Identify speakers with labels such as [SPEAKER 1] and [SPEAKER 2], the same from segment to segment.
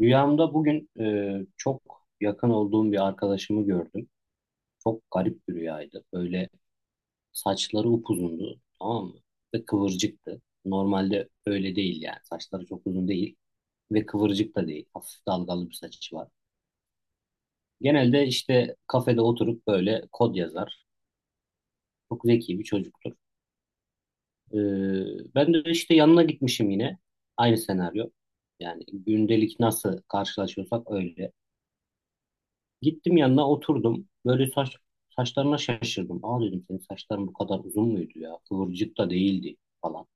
[SPEAKER 1] Rüyamda bugün çok yakın olduğum bir arkadaşımı gördüm. Çok garip bir rüyaydı. Böyle saçları upuzundu, tamam mı? Ve kıvırcıktı. Normalde öyle değil yani. Saçları çok uzun değil ve kıvırcık da değil. Hafif dalgalı bir saçı var. Genelde işte kafede oturup böyle kod yazar. Çok zeki bir çocuktur. E, Ben de işte yanına gitmişim yine. Aynı senaryo. Yani gündelik nasıl karşılaşıyorsak öyle. Gittim yanına oturdum. Böyle saçlarına şaşırdım. Aa dedim senin saçların bu kadar uzun muydu ya? Kıvırcık da değildi falan.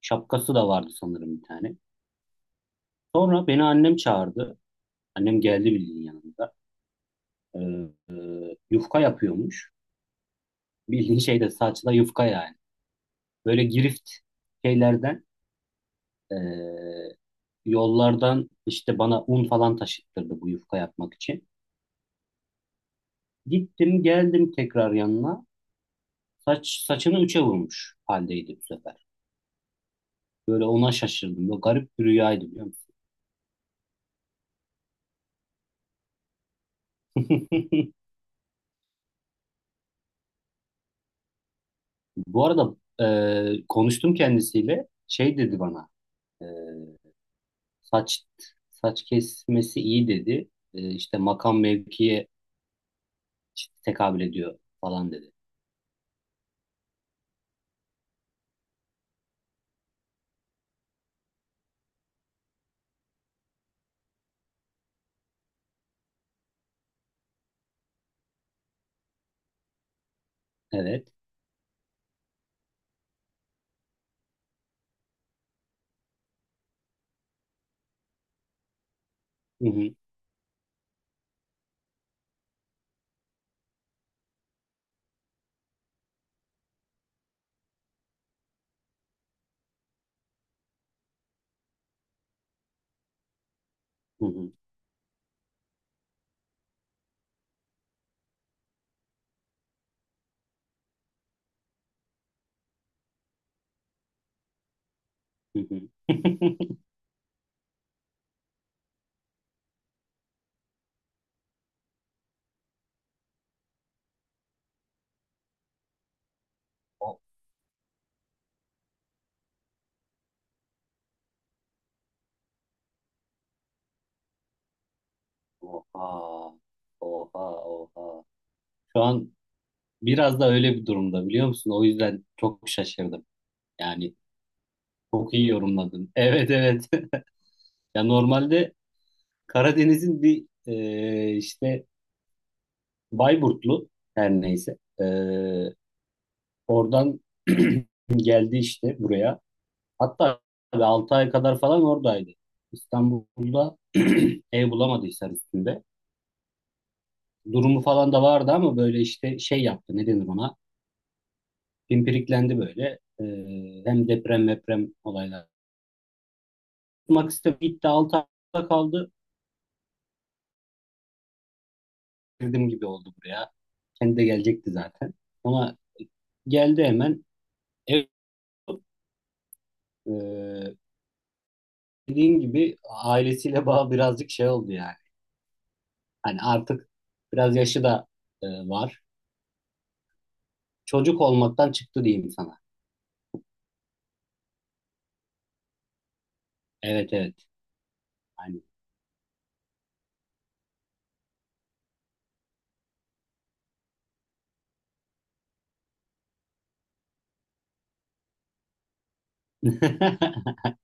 [SPEAKER 1] Şapkası da vardı sanırım bir tane. Sonra beni annem çağırdı. Annem geldi bildiğin yanında. Ee, yufka yapıyormuş. Bildiğin şey de saçla yufka yani. Böyle girift şeylerden ee, yollardan işte bana un falan taşıttırdı bu yufka yapmak için. Gittim geldim tekrar yanına. Saçını üçe vurmuş haldeydi bu sefer. Böyle ona şaşırdım. Böyle garip bir rüyaydı biliyor musun? Bu arada konuştum kendisiyle. Şey dedi bana. e, saç saç kesmesi iyi dedi. İşte makam mevkiye tekabül ediyor falan dedi. Evet. Hı hı, hı hı, hı hı. O- Oha. Oha. Oha. Şu an biraz da öyle bir durumda biliyor musun? O yüzden çok şaşırdım. Yani çok iyi yorumladın. Evet, evet. Ya normalde Karadeniz'in bir işte Bayburtlu her neyse. Oradan geldi işte buraya. Hatta 6 ay kadar falan oradaydı. İstanbul'da ev bulamadı Hisar üstünde. Durumu falan da vardı ama böyle işte şey yaptı ne denir ona. Pimpiriklendi böyle. Hem deprem meprem olaylar. Tutmak istemedi. Gitti 6 ayda kaldı. Girdim gibi oldu buraya. Kendi de gelecekti zaten. Ona geldi hemen. Ev ee, dediğin gibi ailesiyle bağ birazcık şey oldu yani. Hani artık biraz yaşı da var. Çocuk olmaktan çıktı diyeyim sana. Evet, evet. Hani.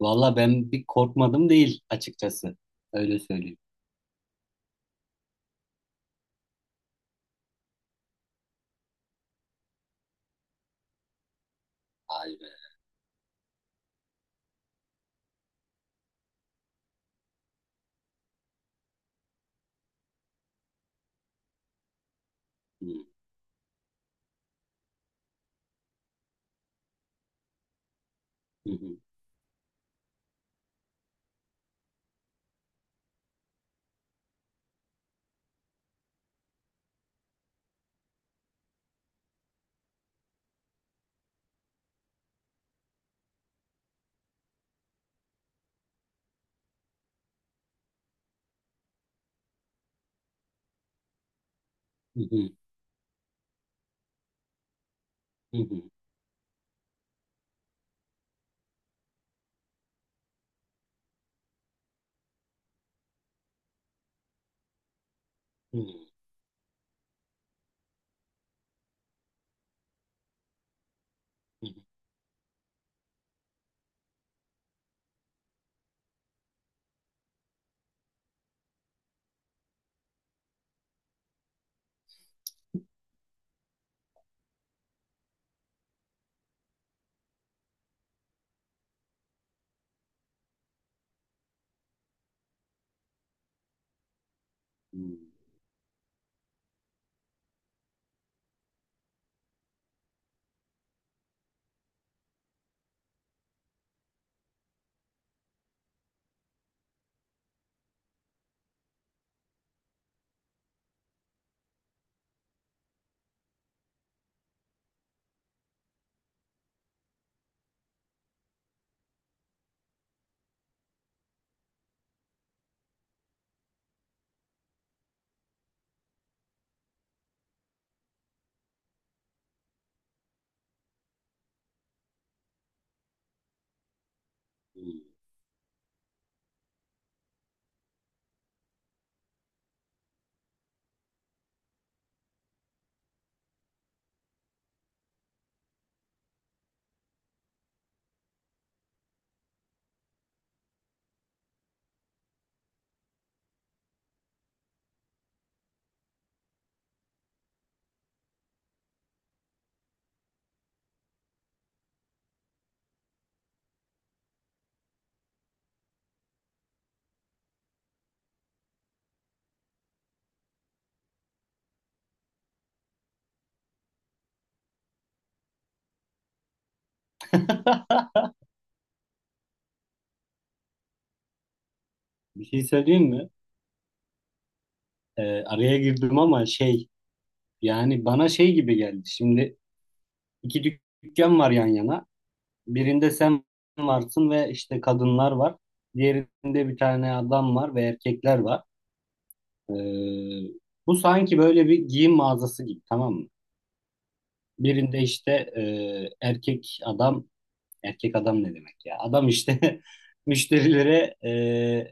[SPEAKER 1] Valla ben bir korkmadım değil açıkçası. Öyle söyleyeyim. Vay be. Bir şey söyleyeyim mi? Araya girdim ama şey yani bana şey gibi geldi. Şimdi iki dükkan var yan yana. Birinde sen varsın ve işte kadınlar var. Diğerinde bir tane adam var ve erkekler var. Ee, bu sanki böyle bir giyim mağazası gibi tamam mı? Birinde işte e, erkek adam, erkek adam ne demek ya? Adam işte müşterilere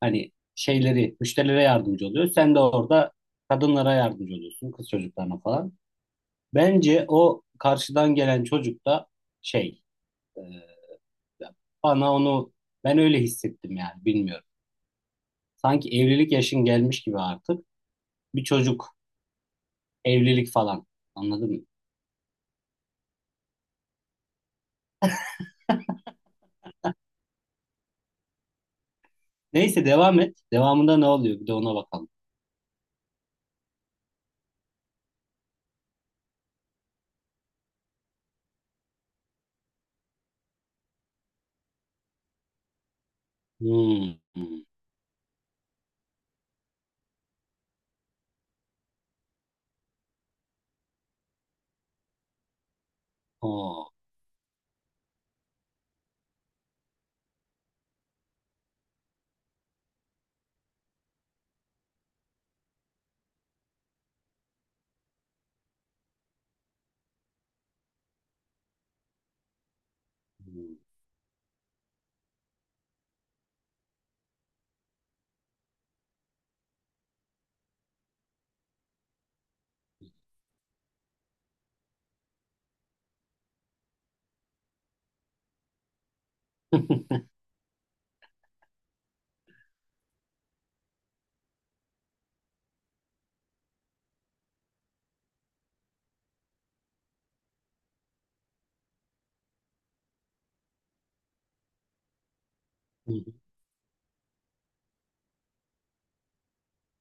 [SPEAKER 1] hani şeyleri, müşterilere yardımcı oluyor. Sen de orada kadınlara yardımcı oluyorsun, kız çocuklarına falan. Bence o karşıdan gelen çocuk da şey, e, bana onu ben öyle hissettim yani bilmiyorum. Sanki evlilik yaşın gelmiş gibi artık. Bir çocuk, evlilik falan. Anladın mı? Neyse devam et. Devamında ne oluyor? Bir de ona bakalım. Hmm. Hmm. Oo. Hmm.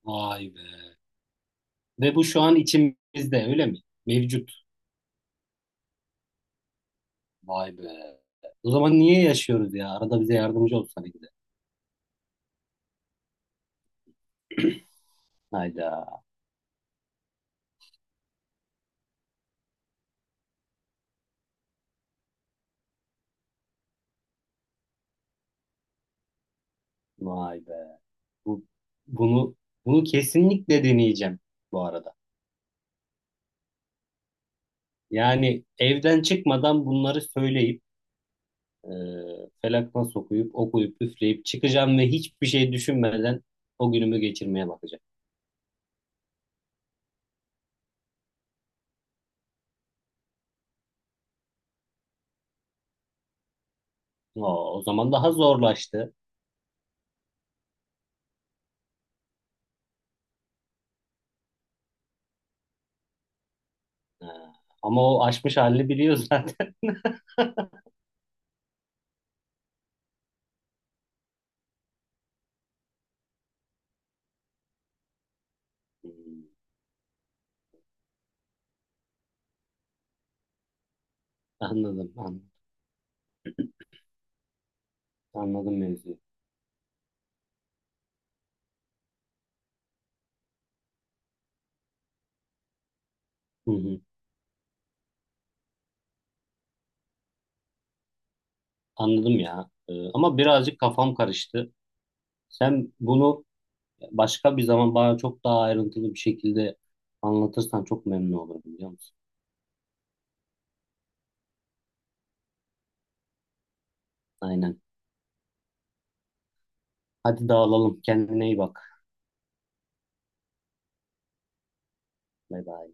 [SPEAKER 1] Vay be. Ve bu şu an içimizde öyle mi? Mevcut. Vay be. O zaman niye yaşıyoruz ya? Arada bize yardımcı olsana bir de. Hayda. Vay be. Bu, bunu bunu kesinlikle deneyeceğim bu arada. Yani evden çıkmadan bunları söyleyip e, felakna sokuyup okuyup üfleyip çıkacağım ve hiçbir şey düşünmeden o günümü geçirmeye bakacağım. O, o zaman daha zorlaştı. Ha, ama o aşmış halini biliyor zaten. Hmm, Anladım, anladım, anladım mevzuyu. Hı hı, anladım ya. Ama birazcık kafam karıştı. Sen bunu başka bir zaman bana çok daha ayrıntılı bir şekilde anlatırsan çok memnun olurum biliyor musun? Aynen. Hadi dağılalım. Kendine iyi bak. Bay bay.